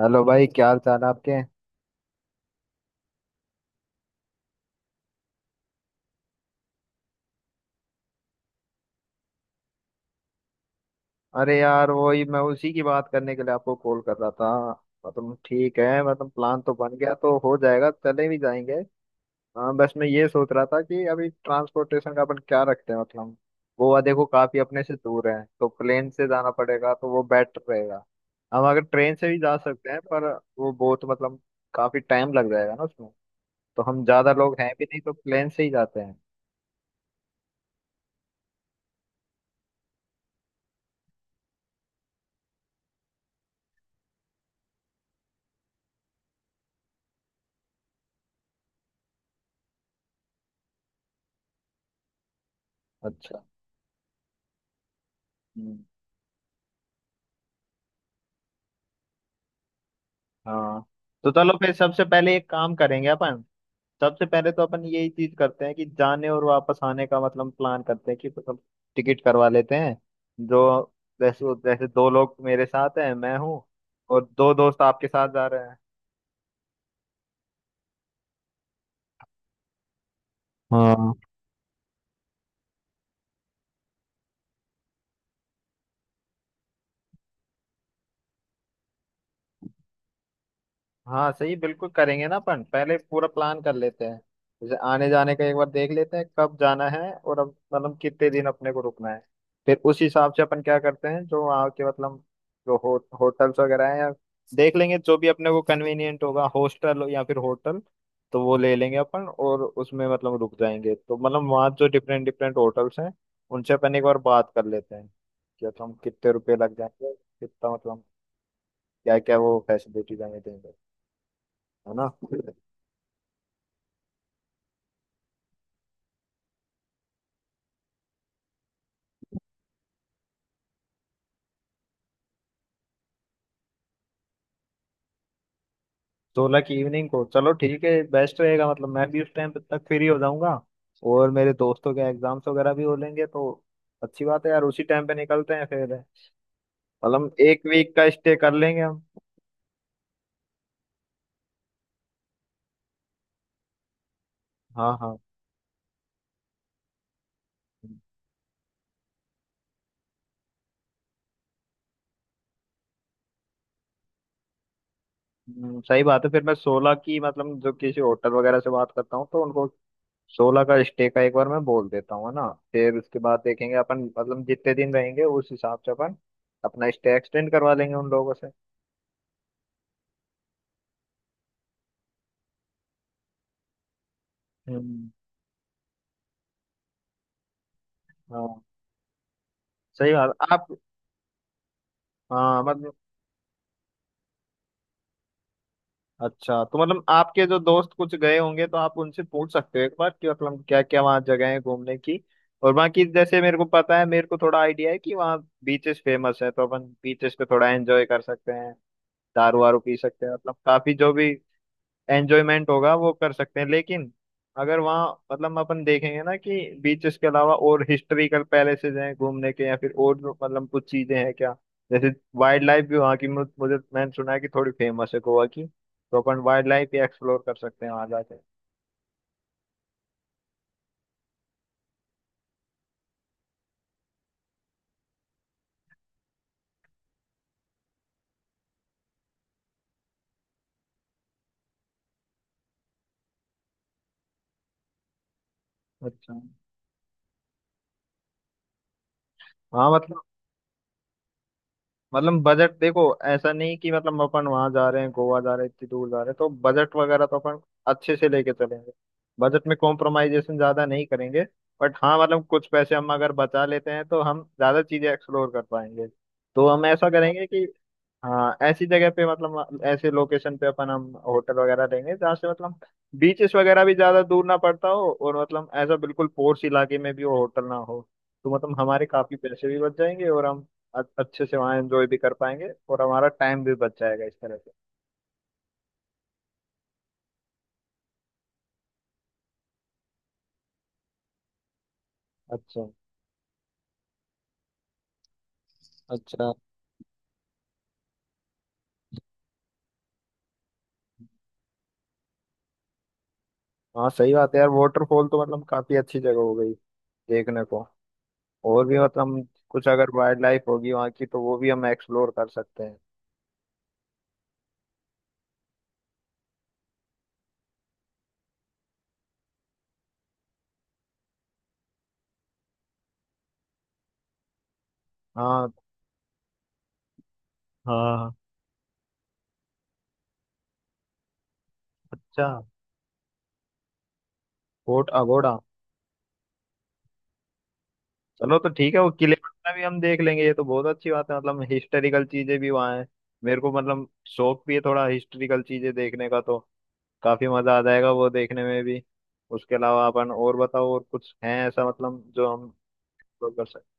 Hello भाई क्या हाल चाल है आपके। अरे यार वही मैं उसी की बात करने के लिए आपको कॉल कर रहा था। मतलब ठीक है, मतलब प्लान तो बन गया, तो हो जाएगा, चले भी जाएंगे। हाँ, बस मैं ये सोच रहा था कि अभी ट्रांसपोर्टेशन का अपन क्या रखते हैं। मतलब गोवा देखो काफी अपने से दूर है, तो प्लेन से जाना पड़ेगा, तो वो बेटर रहेगा। हम अगर ट्रेन से भी जा सकते हैं, पर वो बहुत मतलब काफी टाइम लग जाएगा ना उसमें। तो हम ज्यादा लोग हैं भी नहीं, तो प्लेन से ही जाते हैं। अच्छा। हम्म। हाँ, तो चलो फिर सबसे पहले एक काम करेंगे अपन। सबसे पहले तो अपन यही चीज करते हैं कि जाने और वापस आने का मतलब प्लान करते हैं, कि मतलब टिकट करवा लेते हैं। जो जैसे जैसे दो लोग मेरे साथ हैं, मैं हूँ और दो दोस्त आपके साथ जा रहे हैं। हाँ हाँ, सही, बिल्कुल करेंगे ना अपन, पहले पूरा प्लान कर लेते हैं। जैसे आने जाने का एक बार देख लेते हैं कब जाना है, और अब मतलब कितने दिन अपने को रुकना है। फिर उस हिसाब से अपन क्या करते हैं, जो वहाँ के मतलब जो हो, होटल्स वगैरह हैं, या देख लेंगे जो भी अपने को कन्वीनियंट होगा, हॉस्टल या फिर होटल, तो वो ले लेंगे अपन और उसमें मतलब रुक जाएंगे। तो मतलब वहाँ जो डिफरेंट डिफरेंट होटल्स हैं, उनसे अपन एक बार बात कर लेते हैं कि मतलब कितने रुपए लग जाएंगे, कितना मतलब क्या क्या वो फैसिलिटीज हमें देंगे, है ना। सोलह की इवनिंग को, चलो ठीक है, बेस्ट रहेगा। मतलब मैं भी उस टाइम तक फ्री हो जाऊंगा और मेरे दोस्तों के एग्जाम्स वगैरह भी हो लेंगे, तो अच्छी बात है यार। उसी टाइम पे निकलते हैं फिर। मतलब एक वीक का स्टे कर लेंगे हम। हाँ हाँ। सही बात है। फिर मैं सोलह की मतलब जो किसी होटल वगैरह से बात करता हूँ, तो उनको सोलह का स्टे का एक बार मैं बोल देता हूँ, है ना। फिर उसके बाद देखेंगे अपन, मतलब जितने दिन रहेंगे उस हिसाब से अपन अपना स्टे एक्सटेंड करवा लेंगे उन लोगों से। हम्म। हाँ, सही बात आप। हाँ, मतलब अच्छा, तो मतलब आपके जो दोस्त कुछ गए होंगे, तो आप उनसे पूछ सकते हो एक बार कि मतलब क्या क्या वहाँ जगह है घूमने की। और बाकी जैसे मेरे को पता है, मेरे को थोड़ा आइडिया है कि वहाँ बीचेस फेमस है, तो अपन बीचेस पे थोड़ा एंजॉय कर सकते हैं, दारू वारू पी सकते हैं, मतलब काफी जो भी एंजॉयमेंट होगा वो कर सकते हैं। लेकिन अगर वहाँ मतलब अपन देखेंगे ना कि बीचेस के अलावा और हिस्ट्रिकल पैलेसेस हैं घूमने के, या फिर और जो मतलब कुछ चीजें हैं क्या, जैसे वाइल्ड लाइफ भी वहाँ की मुझे, मैंने सुना है कि थोड़ी फेमस है गोवा की, तो अपन वाइल्ड लाइफ भी एक्सप्लोर कर सकते हैं वहाँ जाके। अच्छा। हाँ मतलब, मतलब बजट देखो ऐसा नहीं कि मतलब अपन वहां जा रहे हैं, गोवा जा रहे हैं, इतनी दूर जा रहे हैं, तो बजट वगैरह तो अपन अच्छे से लेके चलेंगे। बजट में कॉम्प्रोमाइजेशन ज्यादा नहीं करेंगे। बट हाँ, मतलब कुछ पैसे हम अगर बचा लेते हैं, तो हम ज्यादा चीजें एक्सप्लोर कर पाएंगे। तो हम ऐसा करेंगे कि हाँ, ऐसी जगह पे, मतलब ऐसे लोकेशन पे अपन हम होटल वगैरह लेंगे, जहाँ से मतलब बीचेस वगैरह भी ज्यादा दूर ना पड़ता हो, और मतलब ऐसा बिल्कुल पोर्स इलाके में भी वो होटल ना हो। तो मतलब हमारे काफी पैसे भी बच जाएंगे और हम अच्छे से वहाँ एंजॉय भी कर पाएंगे, और हमारा टाइम भी बच जाएगा इस तरह से। अच्छा। अच्छा। हाँ सही बात है यार, वाटरफॉल तो मतलब काफी अच्छी जगह हो गई देखने को। और भी मतलब कुछ अगर वाइल्ड लाइफ होगी वहाँ की, तो वो भी हम एक्सप्लोर कर सकते हैं। हाँ हाँ। अच्छा, कोट अगोड़ा। चलो तो ठीक है, वो किले वगैरह भी हम देख लेंगे। ये तो बहुत अच्छी बात है, मतलब हिस्टोरिकल चीजें भी वहाँ हैं। मेरे को मतलब शौक भी है थोड़ा हिस्टोरिकल चीजें देखने का, तो काफी मजा आ जाएगा वो देखने में भी। उसके अलावा अपन और बताओ, और कुछ है ऐसा मतलब जो हम explore कर सकते।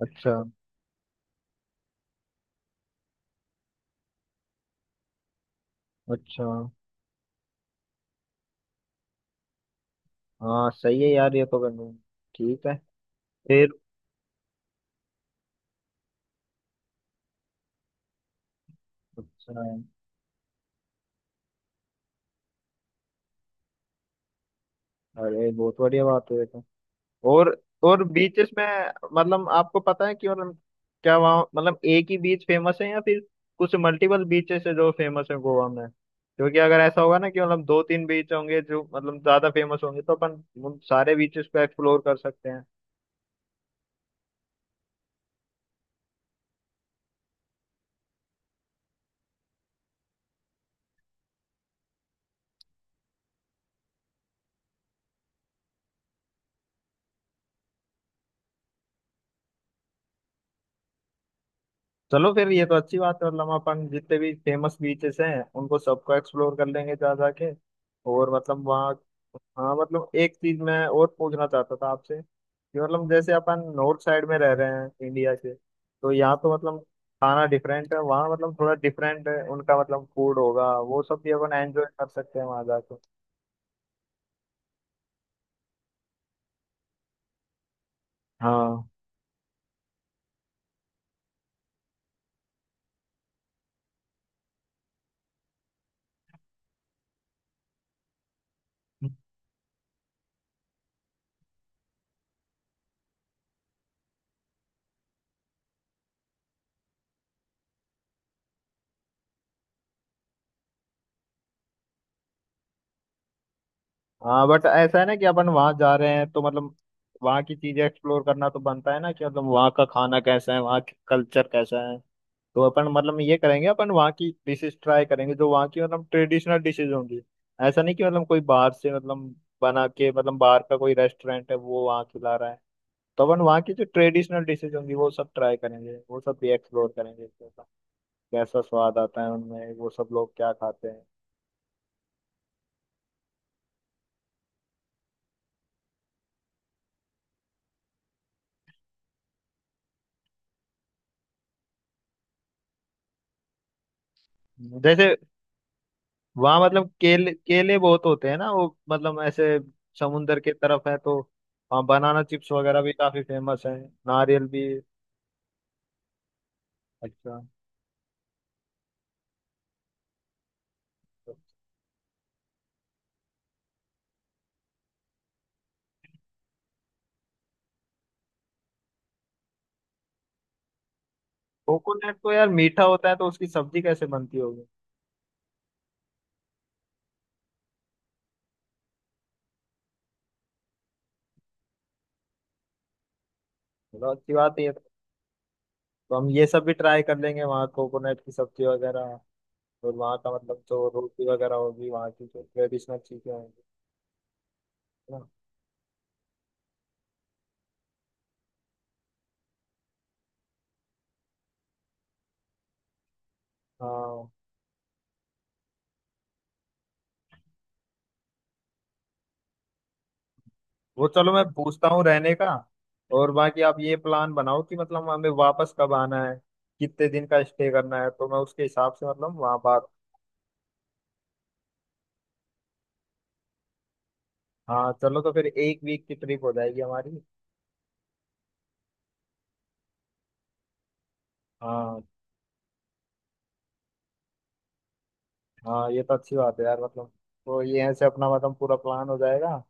अच्छा। अच्छा। हाँ सही है यार, ये तो करना है। ठीक है फिर। अच्छा। अरे बहुत बढ़िया बात है। और बीचेस में मतलब आपको पता है कि मतलब क्या वहाँ मतलब एक ही बीच फेमस है या फिर कुछ मल्टीपल बीचेस है जो फेमस है गोवा में। क्योंकि अगर ऐसा होगा ना कि मतलब दो तीन बीच होंगे जो मतलब ज्यादा फेमस होंगे, तो अपन उन सारे बीचेस को एक्सप्लोर कर सकते हैं। चलो फिर ये तो अच्छी बात है, मतलब अपन जितने भी फेमस बीचेस हैं उनको सबको एक्सप्लोर कर लेंगे जा जाके। और मतलब वहाँ हाँ, मतलब एक चीज मैं और पूछना चाहता था आपसे कि मतलब जैसे अपन नॉर्थ साइड में रह रहे हैं इंडिया के, तो यहाँ तो मतलब खाना डिफरेंट है, वहाँ मतलब थोड़ा डिफरेंट है उनका मतलब फूड होगा, वो सब भी अपन एंजॉय कर सकते हैं वहाँ जाके। हाँ। हाँ बट ऐसा है ना कि अपन वहां जा रहे हैं, तो मतलब वहां की चीजें एक्सप्लोर करना तो बनता है ना, कि मतलब वहाँ का खाना कैसा है, वहाँ की कल्चर कैसा है। तो अपन मतलब ये करेंगे, अपन वहाँ की डिशेस ट्राई करेंगे जो वहाँ की मतलब ट्रेडिशनल डिशेज होंगी। ऐसा नहीं कि मतलब कोई बाहर से मतलब बना के, मतलब बाहर का कोई रेस्टोरेंट है वो वहाँ खिला रहा है। तो अपन वहाँ की जो ट्रेडिशनल डिशेज होंगी वो सब ट्राई करेंगे, वो सब भी एक्सप्लोर करेंगे, कैसा कैसा स्वाद आता है उनमें, वो सब लोग क्या खाते हैं। जैसे वहां मतलब केले, केले बहुत होते हैं ना, वो मतलब ऐसे समुंदर के तरफ है, तो वहाँ बनाना चिप्स वगैरह भी काफी फेमस है। नारियल भी। अच्छा, कोकोनट तो यार मीठा होता है, तो उसकी सब्जी कैसे बनती होगी। चलो अच्छी बात है ये तो। तो हम ये सब भी ट्राई कर लेंगे वहाँ, कोकोनट की सब्जी वगैरह, और वहाँ का मतलब जो रोटी वगैरह होगी, वहाँ की जो ट्रेडिशनल चीजें होंगी, है ना। हाँ। वो चलो मैं पूछता हूँ रहने का। और बाकी आप ये प्लान बनाओ कि मतलब हमें वापस कब आना है, कितने दिन का स्टे करना है, तो मैं उसके हिसाब से मतलब वहाँ बात। हाँ चलो, तो फिर एक वीक की ट्रिप हो जाएगी हमारी। हाँ। हाँ ये तो अच्छी बात है यार, मतलब तो ये ऐसे अपना मतलब पूरा प्लान हो जाएगा।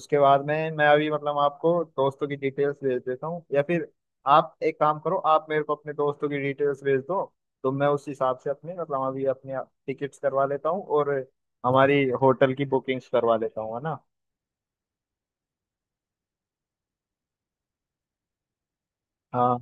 उसके बाद में मैं अभी मतलब आपको दोस्तों की डिटेल्स भेज देता हूँ, या फिर आप एक काम करो, आप मेरे को अपने दोस्तों की डिटेल्स भेज दो, तो मैं उस हिसाब से अपने मतलब अभी अपने टिकट्स करवा लेता हूँ और हमारी होटल की बुकिंग्स करवा लेता हूँ, है ना। हाँ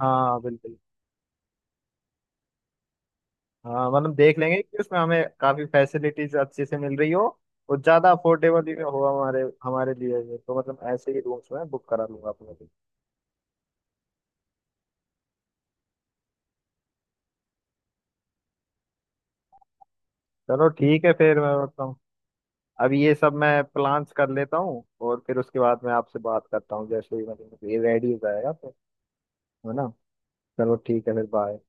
हाँ बिल्कुल। हाँ मतलब देख लेंगे कि उसमें हमें काफी फैसिलिटीज अच्छे से मिल रही हो, और ज्यादा अफोर्डेबल भी हो हमारे हमारे लिए भी। तो मतलब ऐसे ही रूम्स में बुक करा लूंगा अपने। चलो ठीक है फिर, मैं मतलब अब ये सब मैं प्लान्स कर लेता हूँ, और फिर उसके बाद मैं आपसे बात करता हूँ जैसे ही मतलब ये रेडी हो जाएगा तो, है ना। चलो ठीक है फिर, बाय।